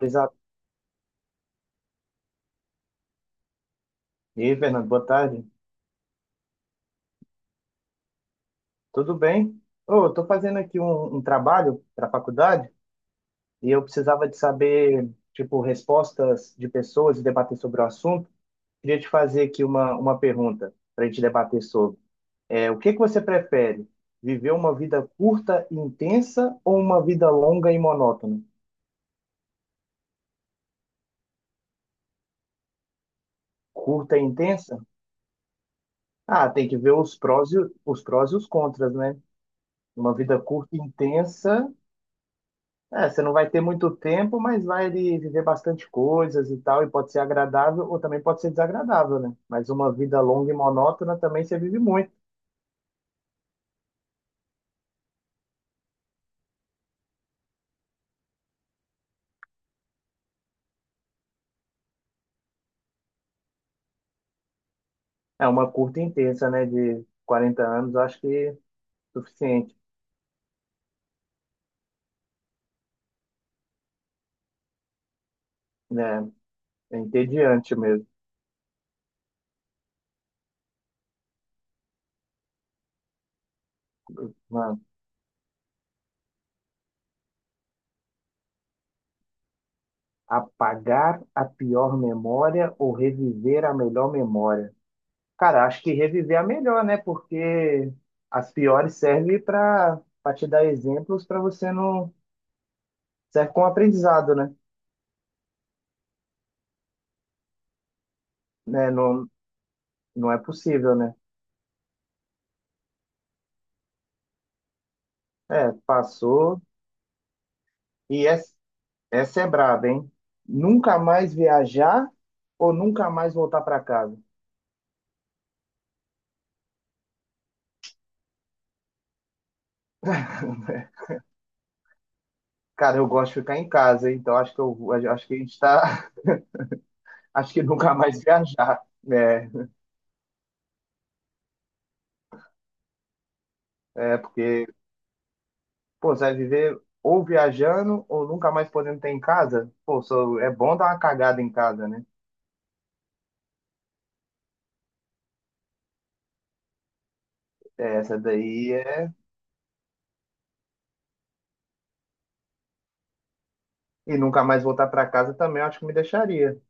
Exato. E aí, Fernando, boa tarde. Tudo bem? Ô, eu tô fazendo aqui um trabalho para a faculdade e eu precisava de saber, tipo, respostas de pessoas e debater sobre o assunto. Queria te fazer aqui uma pergunta para a gente debater sobre. É, o que que você prefere? Viver uma vida curta e intensa ou uma vida longa e monótona? Curta e intensa? Ah, tem que ver os prós e os contras, né? Uma vida curta e intensa. É, você não vai ter muito tempo, mas vai ali viver bastante coisas e tal, e pode ser agradável ou também pode ser desagradável, né? Mas uma vida longa e monótona também você vive muito. É uma curta e intensa, né? De quarenta anos, eu acho que é suficiente, né? É entediante mesmo. Mano, apagar a pior memória ou reviver a melhor memória? Cara, acho que reviver a melhor, né? Porque as piores servem para te dar exemplos para você não. Serve como aprendizado, né? Né, não, não é possível, né? É, passou. E essa, essa é braba, hein? Nunca mais viajar ou nunca mais voltar para casa? Cara, eu gosto de ficar em casa, hein? Então acho que a gente tá, acho que nunca mais viajar, né? É porque, pô, você vai viver ou viajando ou nunca mais podendo ter em casa? Pô, é bom dar uma cagada em casa, né? É, essa daí é. E nunca mais voltar para casa também eu acho que me deixaria.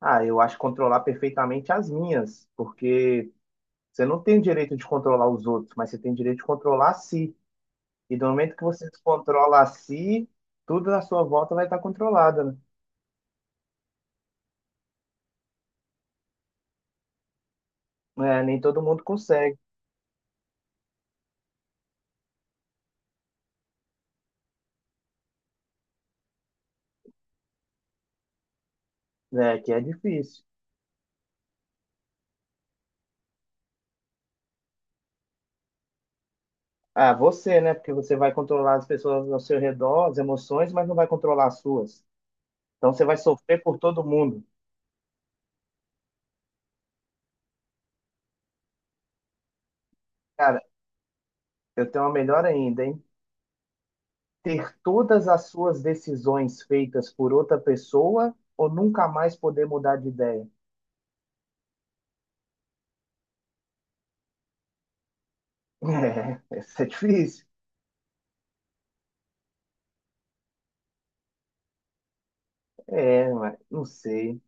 Ah, eu acho controlar perfeitamente as minhas, porque você não tem direito de controlar os outros, mas você tem direito de controlar a si. E do momento que você controla a si, tudo na sua volta vai estar controlado, né? É, nem todo mundo consegue, né? Que é difícil. Ah, você, né? Porque você vai controlar as pessoas ao seu redor, as emoções, mas não vai controlar as suas. Então você vai sofrer por todo mundo. Cara, eu tenho uma melhor ainda, hein? Ter todas as suas decisões feitas por outra pessoa ou nunca mais poder mudar de ideia. É, isso é difícil. É, mas não sei.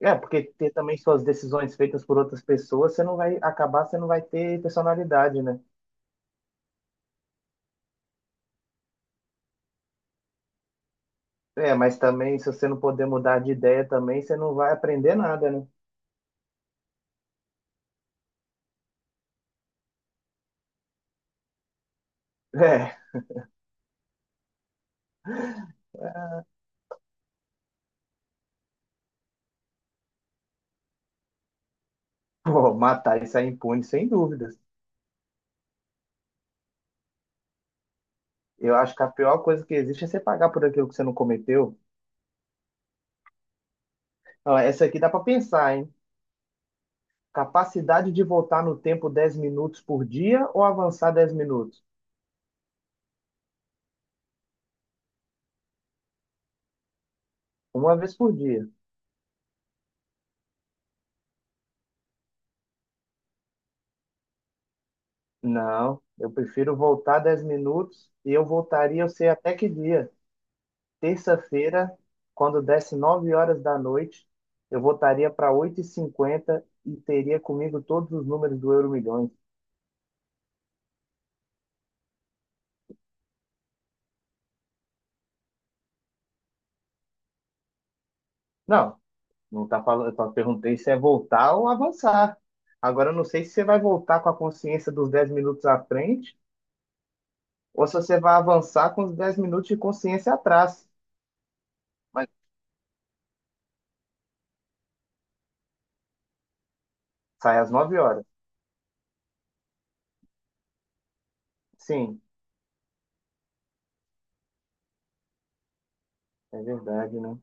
É, porque ter também suas decisões feitas por outras pessoas, você não vai acabar, você não vai ter personalidade, né? É, mas também, se você não puder mudar de ideia também, você não vai aprender nada, né? É, pô, matar e sair impune, sem dúvidas. Eu acho que a pior coisa que existe é você pagar por aquilo que você não cometeu. Ó, essa aqui dá pra pensar, hein? Capacidade de voltar no tempo 10 minutos por dia ou avançar 10 minutos? Uma vez por dia. Não, eu prefiro voltar 10 minutos e eu voltaria, eu sei até que dia. Terça-feira, quando desse 9 horas da noite, eu voltaria para oito e cinquenta e teria comigo todos os números do Euro Milhões. Não, não tá falando, eu só perguntei se é voltar ou avançar. Agora eu não sei se você vai voltar com a consciência dos 10 minutos à frente ou se você vai avançar com os 10 minutos de consciência atrás. Mas sai às 9 horas. Sim, é verdade, né?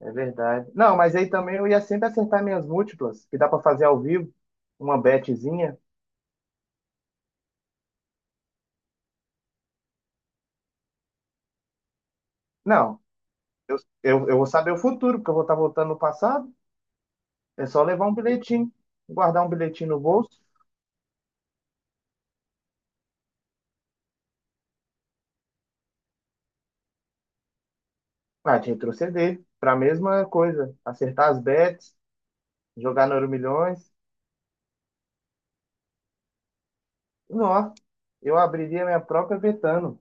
É verdade. Não, mas aí também eu ia sempre acertar minhas múltiplas, que dá pra fazer ao vivo, uma betezinha. Não, eu, eu vou saber o futuro, porque eu vou estar voltando no passado. É só levar um bilhetinho, guardar um bilhetinho no bolso, ah, te retroceder para a mesma coisa, acertar as bets, jogar no Euromilhões. Não, eu abriria minha própria betano.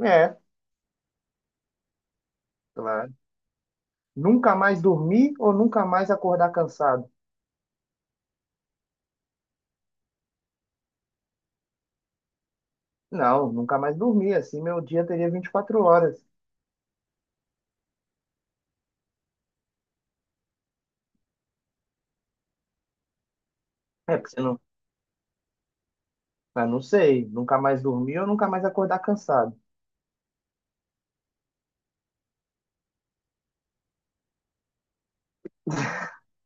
É, claro. Nunca mais dormir ou nunca mais acordar cansado? Não, nunca mais dormir, assim meu dia teria 24 horas. É, porque você não Ah, não sei, nunca mais dormir ou nunca mais acordar cansado.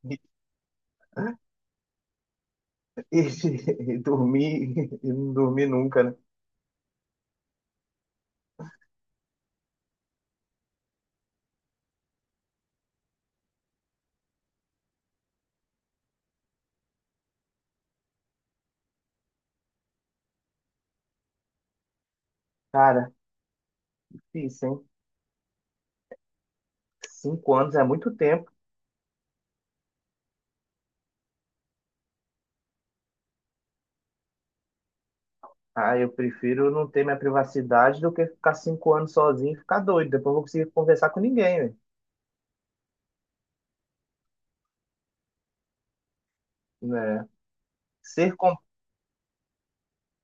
E, dormir, e não dormir nunca, né? Cara, difícil, hein? Cinco anos é muito tempo. Ah, eu prefiro não ter minha privacidade do que ficar cinco anos sozinho e ficar doido. Depois eu vou conseguir conversar com ninguém, né? Né? Ser com...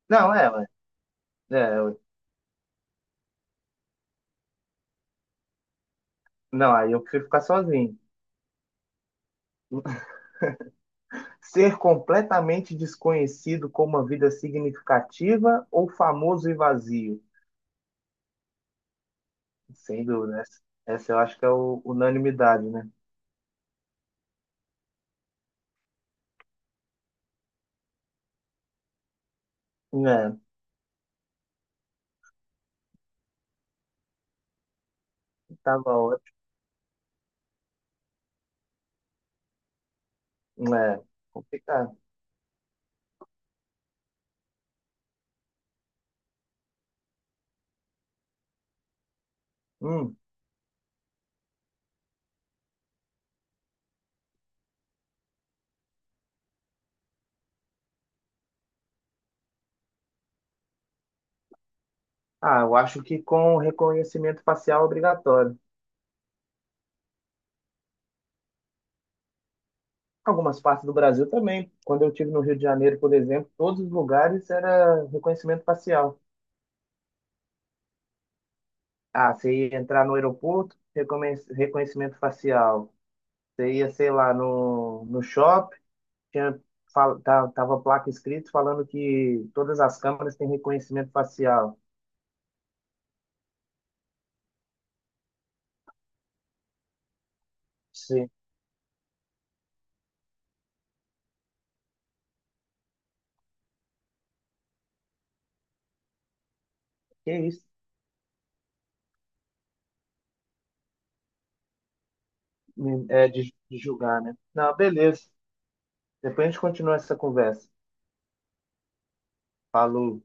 Não, é, ué. É, ué. Não, aí eu prefiro ficar sozinho. Ser completamente desconhecido com uma vida significativa ou famoso e vazio? Sem dúvida. Essa eu acho que é o, unanimidade, né? É, tava ótimo. É, complicado. Hum. Ah, eu acho que com reconhecimento facial obrigatório. Algumas partes do Brasil também. Quando eu estive no Rio de Janeiro, por exemplo, todos os lugares era reconhecimento facial. Ah, você ia entrar no aeroporto, reconhecimento facial. Você ia, sei lá, no shopping, tinha, tava placa escrito falando que todas as câmeras têm reconhecimento facial. Sim. Que isso? É, de julgar, né? Não, beleza. Depois a gente continua essa conversa. Falou.